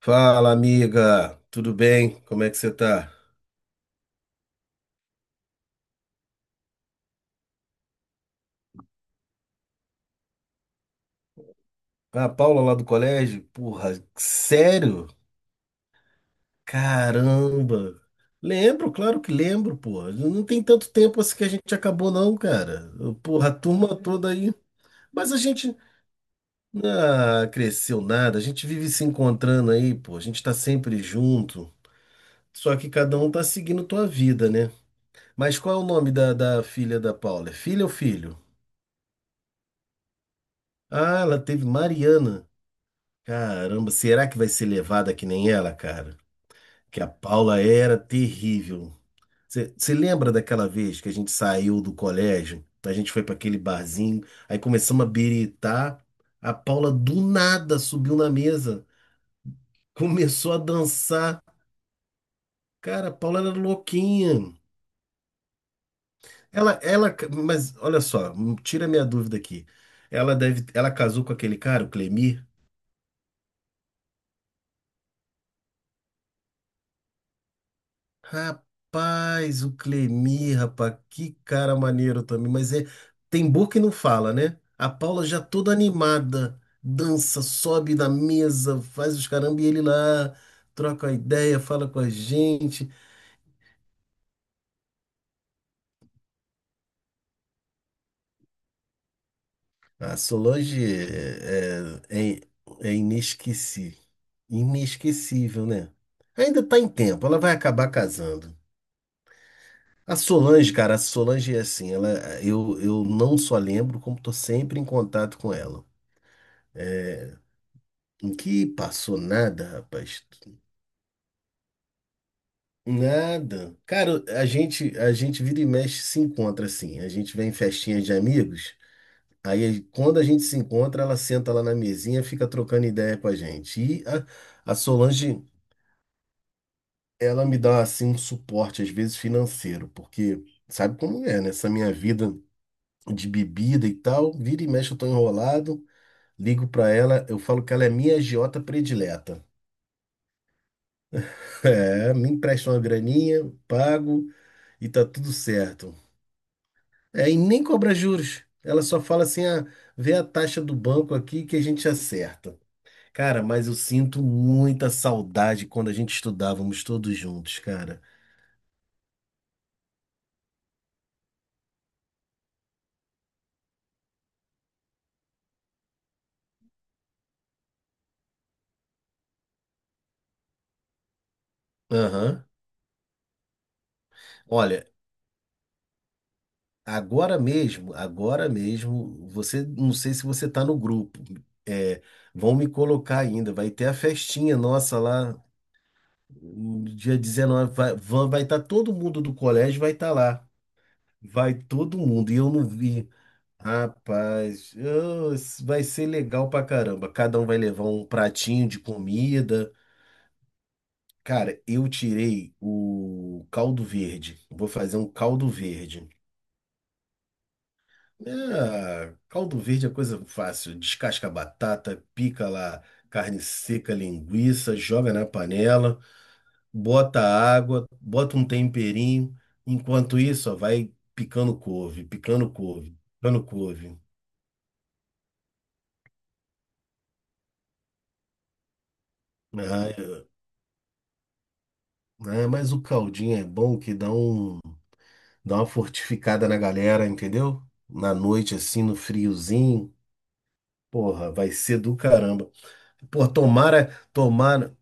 Fala, amiga, tudo bem? Como é que você tá? Ah, a Paula lá do colégio? Porra, sério? Caramba! Lembro, claro que lembro, porra. Não tem tanto tempo assim que a gente acabou, não, cara. Porra, a turma toda aí. Mas a gente não cresceu nada, a gente vive se encontrando aí, pô. A gente tá sempre junto. Só que cada um tá seguindo tua vida, né? Mas qual é o nome da filha da Paula? É filha ou filho? Ah, ela teve Mariana. Caramba, será que vai ser levada que nem ela, cara? Que a Paula era terrível. Você lembra daquela vez que a gente saiu do colégio? A gente foi para aquele barzinho, aí começamos a biritar. A Paula do nada subiu na mesa, começou a dançar. Cara, a Paula era louquinha. Ela, ela, mas olha só, tira minha dúvida aqui. Ela deve, ela casou com aquele cara, o Clemir? Rapaz, o Clemir, rapaz, que cara maneiro também. Mas é, tem boca que não fala, né? A Paula já toda animada, dança, sobe na mesa, faz os caramba e ele lá troca a ideia, fala com a gente. A Solange é, é, é inesquecível. Inesquecível, né? Ainda tá em tempo, ela vai acabar casando. A Solange, cara, a Solange é assim, ela, eu não só lembro, como tô sempre em contato com ela. Que passou nada, rapaz. Nada. Cara, a gente vira e mexe se encontra assim. A gente vem em festinhas de amigos. Aí, quando a gente se encontra, ela senta lá na mesinha, fica trocando ideia com a gente. E a Solange, ela me dá assim um suporte, às vezes financeiro, porque sabe como é, né? Essa minha vida de bebida e tal, vira e mexe, eu tô enrolado. Ligo pra ela, eu falo que ela é minha agiota predileta. É, me empresta uma graninha, pago. E tá tudo certo. É, e nem cobra juros. Ela só fala assim, vê a taxa do banco aqui que a gente acerta. Cara, mas eu sinto muita saudade quando a gente estudávamos todos juntos, cara. Aham. Olha, agora mesmo, você, não sei se você tá no grupo. É, vão me colocar ainda, vai ter a festinha nossa lá no dia 19, vai estar todo mundo do colégio vai estar lá. Vai todo mundo. E eu não vi. Rapaz, isso vai ser legal pra caramba. Cada um vai levar um pratinho de comida. Cara, eu tirei o caldo verde. Vou fazer um caldo verde. Ah, caldo verde é coisa fácil. Descasca a batata, pica lá carne seca, linguiça, joga na panela, bota água, bota um temperinho. Enquanto isso, ó, vai picando couve, picando couve, picando couve. Ah, eu- ah, mas o caldinho é bom que dá uma fortificada na galera, entendeu? Na noite, assim, no friozinho. Porra, vai ser do caramba. Pô, tomara, tomara,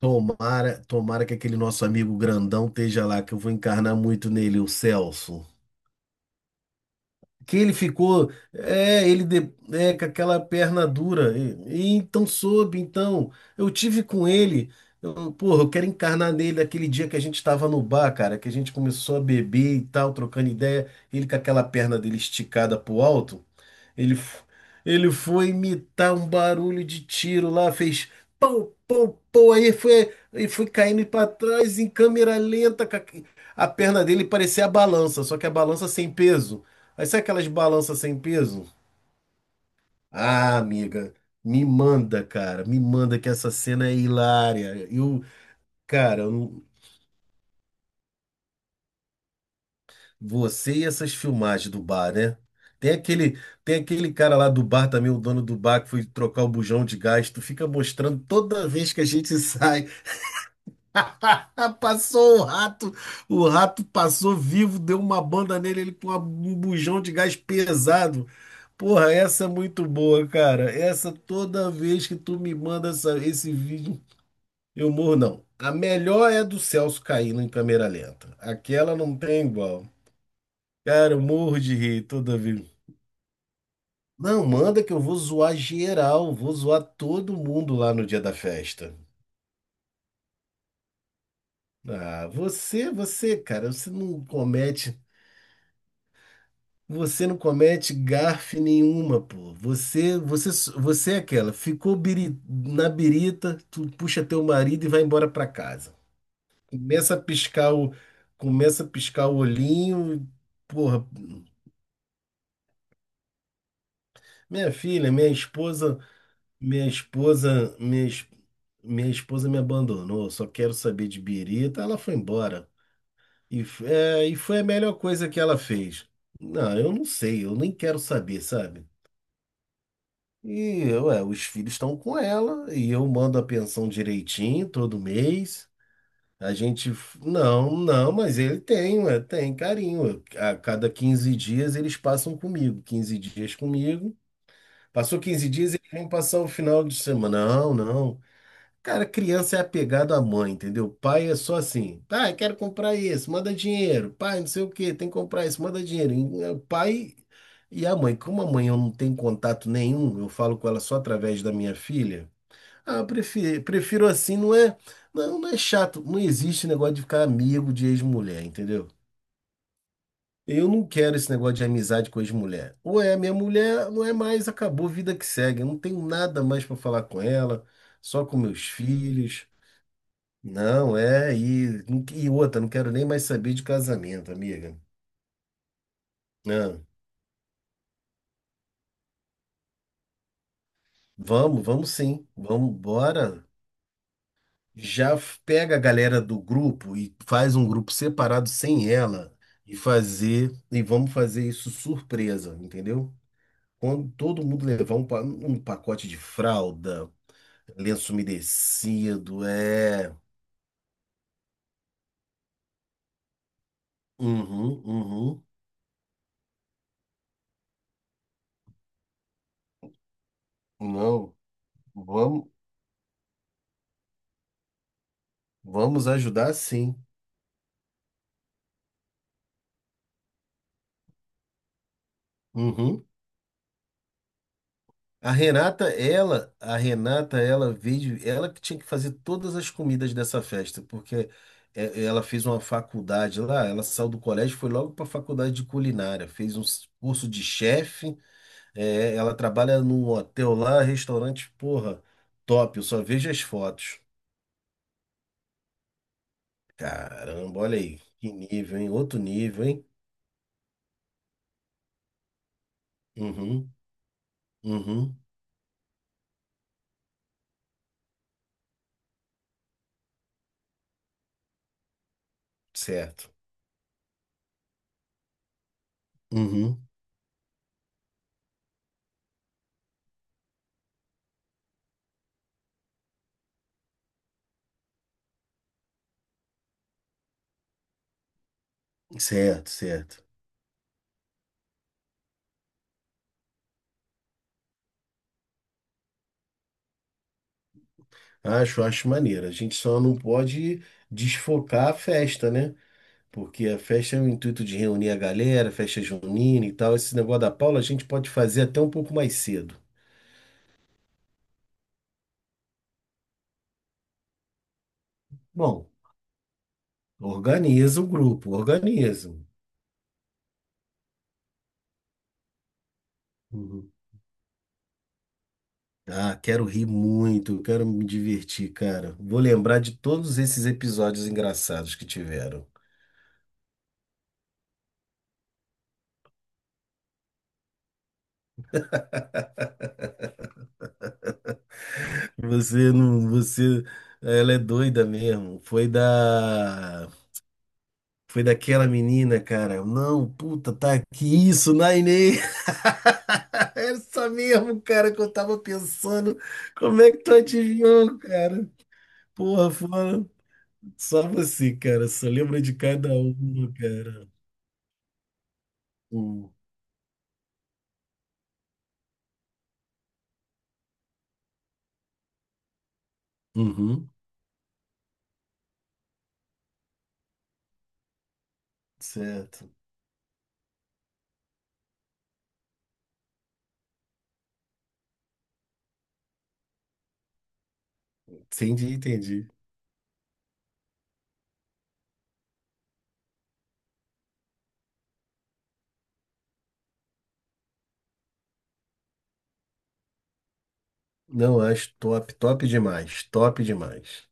tomara, tomara que aquele nosso amigo grandão esteja lá, que eu vou encarnar muito nele, o Celso. Que ele ficou, é, é, com aquela perna dura. E então soube, então, eu tive com ele. Eu, porra, eu quero encarnar nele aquele dia que a gente estava no bar, cara, que a gente começou a beber e tal, trocando ideia, ele com aquela perna dele esticada pro alto. Ele, f- ele foi imitar um barulho de tiro lá, fez pau, pau, pau, aí foi caindo para trás em câmera lenta, com a perna dele parecia a balança, só que a balança sem peso. Aí sabe aquelas balanças sem peso? Ah, amiga, me manda que essa cena é hilária. Eu, cara, eu não- você e essas filmagens do bar, né? Tem aquele, tem aquele cara lá do bar também, o dono do bar que foi trocar o bujão de gás, tu fica mostrando toda vez que a gente sai. Passou o rato, o rato passou vivo, deu uma banda nele, ele com um bujão de gás pesado. Porra, essa é muito boa, cara. Essa toda vez que tu me manda esse vídeo, eu morro não. A melhor é a do Celso caindo em câmera lenta. Aquela não tem igual. Cara, eu morro de rir toda vez. Não, manda que eu vou zoar geral, vou zoar todo mundo lá no dia da festa. Ah, cara, você não comete. Você não comete gafe nenhuma, pô. Você é aquela. Na birita, tu puxa teu marido e vai embora pra casa. Começa a piscar o, começa a piscar o olhinho. Porra, minha filha, minha esposa, minha esposa, minha, es- minha esposa me abandonou. Só quero saber de birita. Ela foi embora. E foi a melhor coisa que ela fez. Não, eu não sei, eu nem quero saber, sabe? E ué, os filhos estão com ela e eu mando a pensão direitinho todo mês. A gente, não, não, mas ele tem, ué, tem carinho. Ué. A cada 15 dias eles passam comigo, quinze dias comigo. Passou 15 dias, eles vêm passar o final de semana. Não, não. Cara, criança é apegado à mãe, entendeu? Pai é só assim, pai, quero comprar isso, manda dinheiro. Pai, não sei o que tem que comprar isso, manda dinheiro. O pai e a mãe, como a mãe eu não tenho contato nenhum, eu falo com ela só através da minha filha. Ah, prefiro assim, não, não é chato, não existe negócio de ficar amigo de ex-mulher, entendeu? Eu não quero esse negócio de amizade com ex-mulher. Ou é a minha mulher, não é mais, acabou, vida que segue. Eu não tenho nada mais para falar com ela, só com meus filhos. Não, é, e outra, não quero nem mais saber de casamento, amiga. Não, vamos sim, vamos, bora. Pega a galera do grupo e faz um grupo separado sem ela e fazer, e vamos fazer isso surpresa, entendeu? Quando todo mundo levar um pacote de fralda, lenço umedecido, é. Uhum, uhum. Não, vamos, vamos ajudar sim. Uhum. A Renata, ela que tinha que fazer todas as comidas dessa festa, porque é, ela fez uma faculdade lá, ela saiu do colégio, e foi logo para a faculdade de culinária, fez um curso de chefe, é, ela trabalha num hotel lá, restaurante, porra, top, eu só vejo as fotos. Caramba, olha aí, que nível, hein? Outro nível, hein? Uhum, uhum, certo. Uhum, certo, certo. Acho, acho maneiro. A gente só não pode desfocar a festa, né? Porque a festa é o intuito de reunir a galera, festa junina e tal. Esse negócio da Paula a gente pode fazer até um pouco mais cedo. Bom, organiza o grupo, organiza. Uhum. Ah, quero rir muito, quero me divertir, cara. Vou lembrar de todos esses episódios engraçados que tiveram. Você não, você, ela é doida mesmo. Foi daquela menina, cara. Não, puta, tá aqui isso, Nainê. Era isso mesmo, cara, que eu tava pensando. Como é que tu adivinhou, cara? Porra, foram só você, cara. Só lembra de cada um, cara. Hum. Uhum, certo. Entendi, entendi. Não, acho top, top demais, top demais.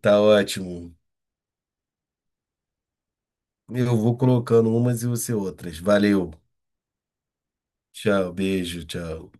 Tá ótimo. Eu vou colocando umas e você outras. Valeu. Tchau, beijo, tchau.